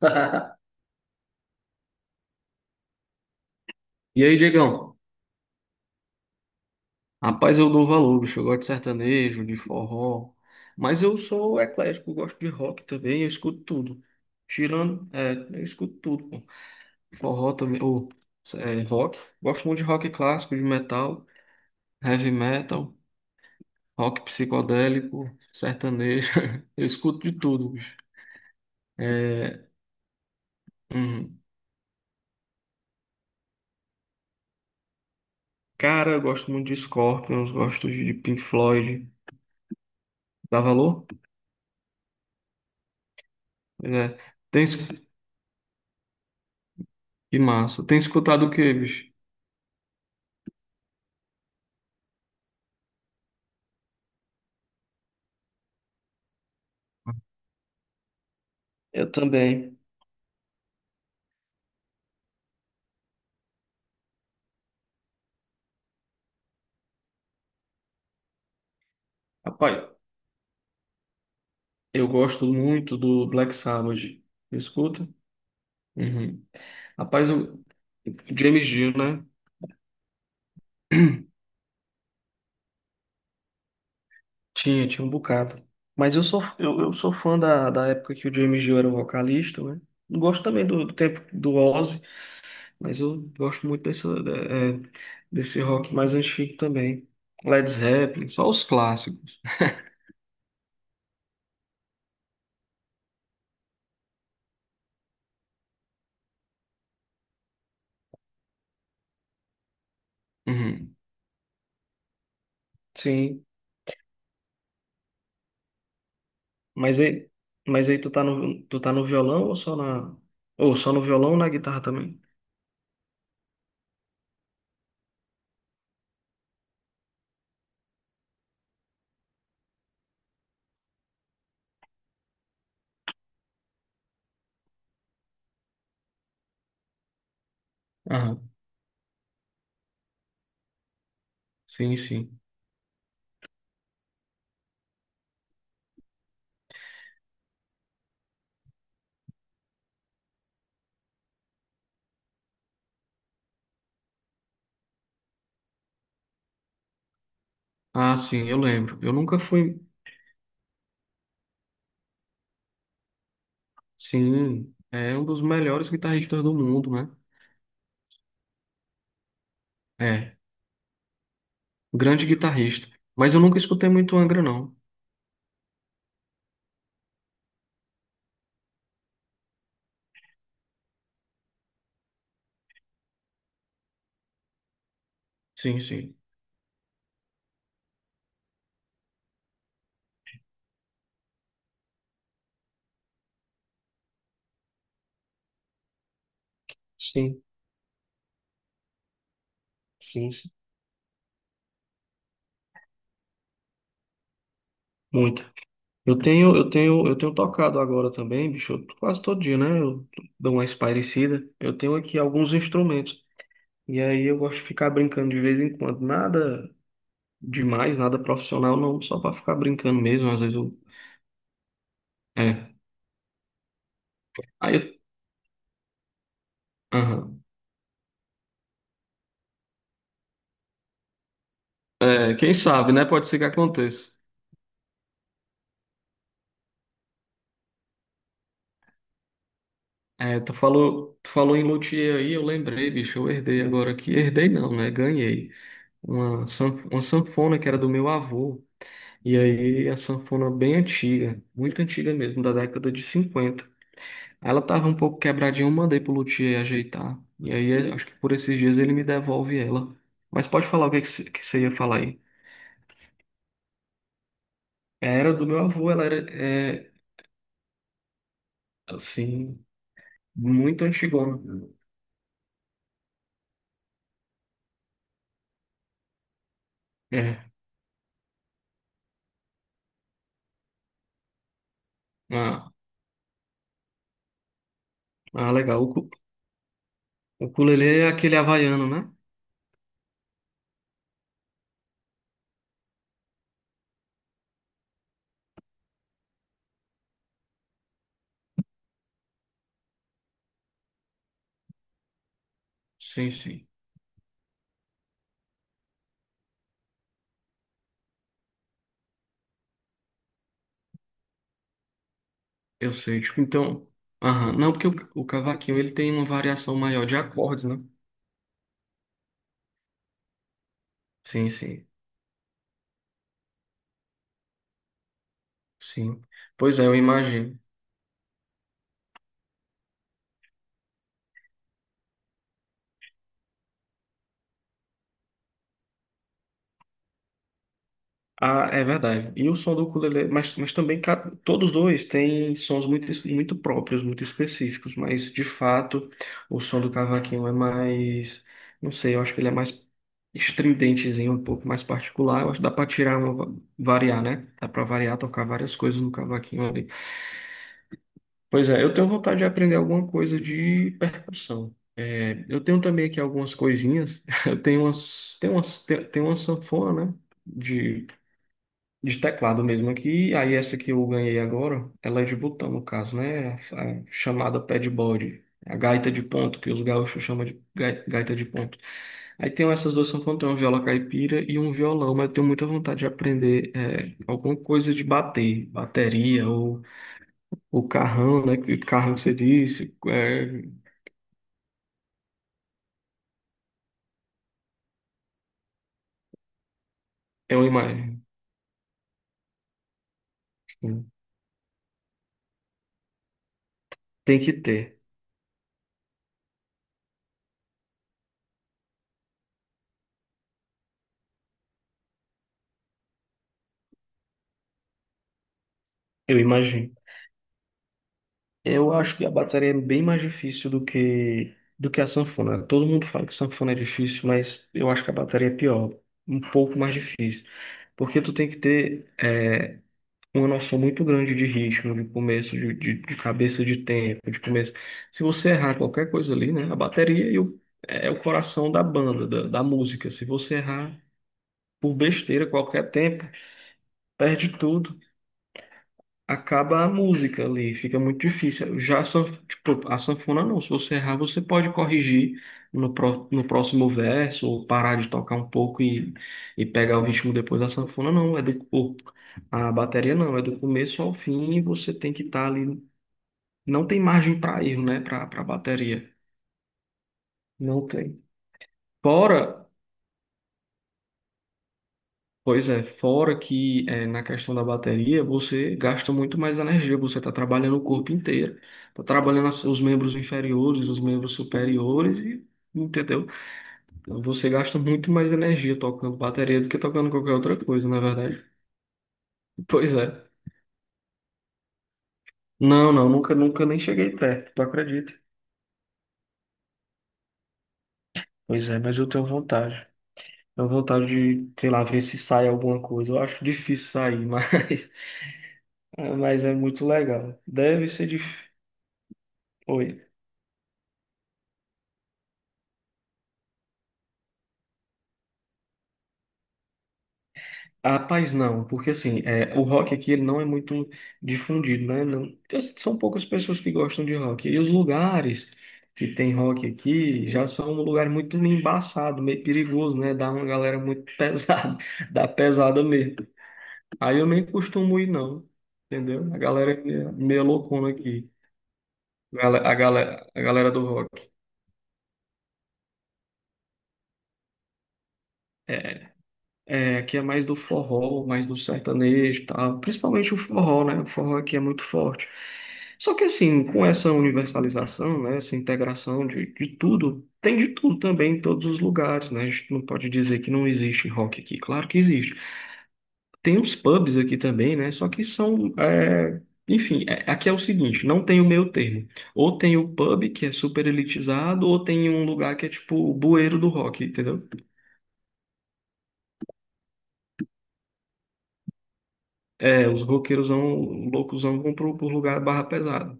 E aí, Diegão? Rapaz, eu dou valor, bicho. Eu gosto de sertanejo, de forró. Mas eu sou eclético, eu gosto de rock também, eu escuto tudo. Tirando, é, eu escuto tudo, pô. Forró também, ou é, rock. Gosto muito de rock clássico, de metal, heavy metal, rock psicodélico, sertanejo. Eu escuto de tudo, bicho. É, hum, Cara, eu gosto muito de Scorpions, gosto de Pink Floyd. Dá valor? Pois é. Tem, es- que massa. Tem escutado o quê, bicho? Eu também. Rapaz, eu gosto muito do Black Sabbath. Escuta? Uhum. O James Dio, né? Tinha, tinha um bocado. Mas eu sou fã da época que o James Dio era o vocalista, né? Gosto também do tempo do Ozzy, mas eu gosto muito desse rock mais antigo também. Led Zeppelin, só os clássicos. Uhum. Sim. Mas aí, mas aí tu tá no violão ou só ou só no violão ou na guitarra também? Ah, sim, sim. Ah, sim, eu lembro. Eu nunca fui, sim, é um dos melhores guitarristas do mundo, né? É, grande guitarrista. Mas eu nunca escutei muito Angra, não. Sim, sim. Sim, sim, sim. Muito. Eu tenho tocado agora também, bicho, eu- quase todo dia, né? Eu dou uma espairecida. Eu tenho aqui alguns instrumentos. E aí eu gosto de ficar brincando de vez em quando. Nada demais, nada profissional, não, só pra ficar brincando mesmo. Às vezes eu. É. Aí eu. Aham. É, quem sabe, né? Pode ser que aconteça. Tu falou em luthier aí, eu lembrei, bicho, eu herdei agora aqui. Herdei não, né? Ganhei. Uma sanfona que era do meu avô. E aí, a sanfona bem antiga, muito antiga mesmo, da década de 50. Ela tava um pouco quebradinha, eu mandei pro luthier ajeitar. E aí, acho que por esses dias ele me devolve ela. Mas pode falar o que que você ia falar aí. Era do meu avô, ela assim, muito antigona. É, ah, ah, legal. O ukulele é aquele havaiano, né? Sim, sim. Eu sei. Tipo, então, aham. Não, o cavaquinho, ele tem uma variação maior de acordes, né? Sim, sim, sim. Pois é, eu imagino. Ah, é verdade. E o som do ukulele, mas também ca- todos dois têm sons muito, es- muito próprios, muito específicos, mas de fato o som do cavaquinho é mais, não sei, eu acho que ele é mais estridentezinho, um pouco mais particular. Eu acho que dá para tirar uma, variar, né? Dá para variar, tocar várias coisas no cavaquinho ali. Pois é, eu tenho vontade de aprender alguma coisa de percussão. É, eu tenho também aqui algumas coisinhas. Eu tenho tenho uma sanfona, né? De teclado mesmo aqui. Aí essa que eu ganhei agora, ela é de botão, no caso, né? A chamada padboard, a gaita de ponto, que os gaúchos chamam de gaita de ponto. Aí tenho essas duas sanfonas, tenho uma viola caipira e um violão, mas eu tenho muita vontade de aprender é, alguma coisa de bater, bateria ou o carrão, né? Que carrão que você disse, é, é uma imagem. Tem que ter, eu imagino. Eu acho que a bateria é bem mais difícil do que a sanfona. Todo mundo fala que sanfona é difícil, mas eu acho que a bateria é pior, um pouco mais difícil, porque tu tem que ter é, uma noção muito grande de ritmo, de começo, de cabeça de tempo, de começo. Se você errar qualquer coisa ali, né, a bateria é o coração da banda, da música. Se você errar por besteira qualquer tempo, perde tudo, acaba a música ali, fica muito difícil. Tipo, a sanfona não, se você errar, você pode corrigir no, no próximo verso, ou parar de tocar um pouco e pegar o ritmo depois. A sanfona não, é do, o- a bateria não, é do começo ao fim e você tem que estar ali. Não tem margem para erro, né, para bateria. Não tem. Fora. Pois é, fora que na questão da bateria, você gasta muito mais energia, você está trabalhando o corpo inteiro, está trabalhando os membros inferiores, os membros superiores, e, entendeu? Então, você gasta muito mais energia tocando bateria do que tocando qualquer outra coisa, na verdade. Pois é. Não, não, nunca, nunca nem cheguei perto, tu acredita? Pois é, mas eu tenho vontade. Tenho vontade de, sei lá, ver se sai alguma coisa. Eu acho difícil sair, mas mas é muito legal. Deve ser difícil. Ah, rapaz, não, porque assim, é, o rock aqui ele não é muito difundido, né? Não, são poucas pessoas que gostam de rock. E os lugares que tem rock aqui já são um lugar muito embaçado, meio perigoso, né? Dá uma galera muito pesada, dá pesada mesmo. Aí eu nem costumo ir, não, entendeu? A galera é meio loucona aqui, a galera, a galera do rock. É, é, aqui é mais do forró, mais do sertanejo, e tal. Principalmente o forró, né? O forró aqui é muito forte. Só que assim, com essa universalização, né? Essa integração de tudo, tem de tudo também em todos os lugares, né? A gente não pode dizer que não existe rock aqui. Claro que existe. Tem os pubs aqui também, né? Só que são, é, enfim, é- aqui é o seguinte, não tem o meio termo. Ou tem o pub que é super elitizado, ou tem um lugar que é tipo o bueiro do rock, entendeu? É, os roqueiros roqueirosão, loucos, vão pro, pro lugar barra pesada.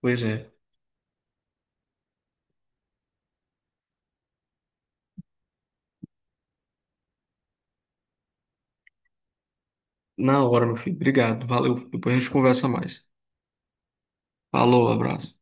Pois é. Na hora, meu filho. Obrigado. Valeu. Depois a gente conversa mais. Falou, abraço.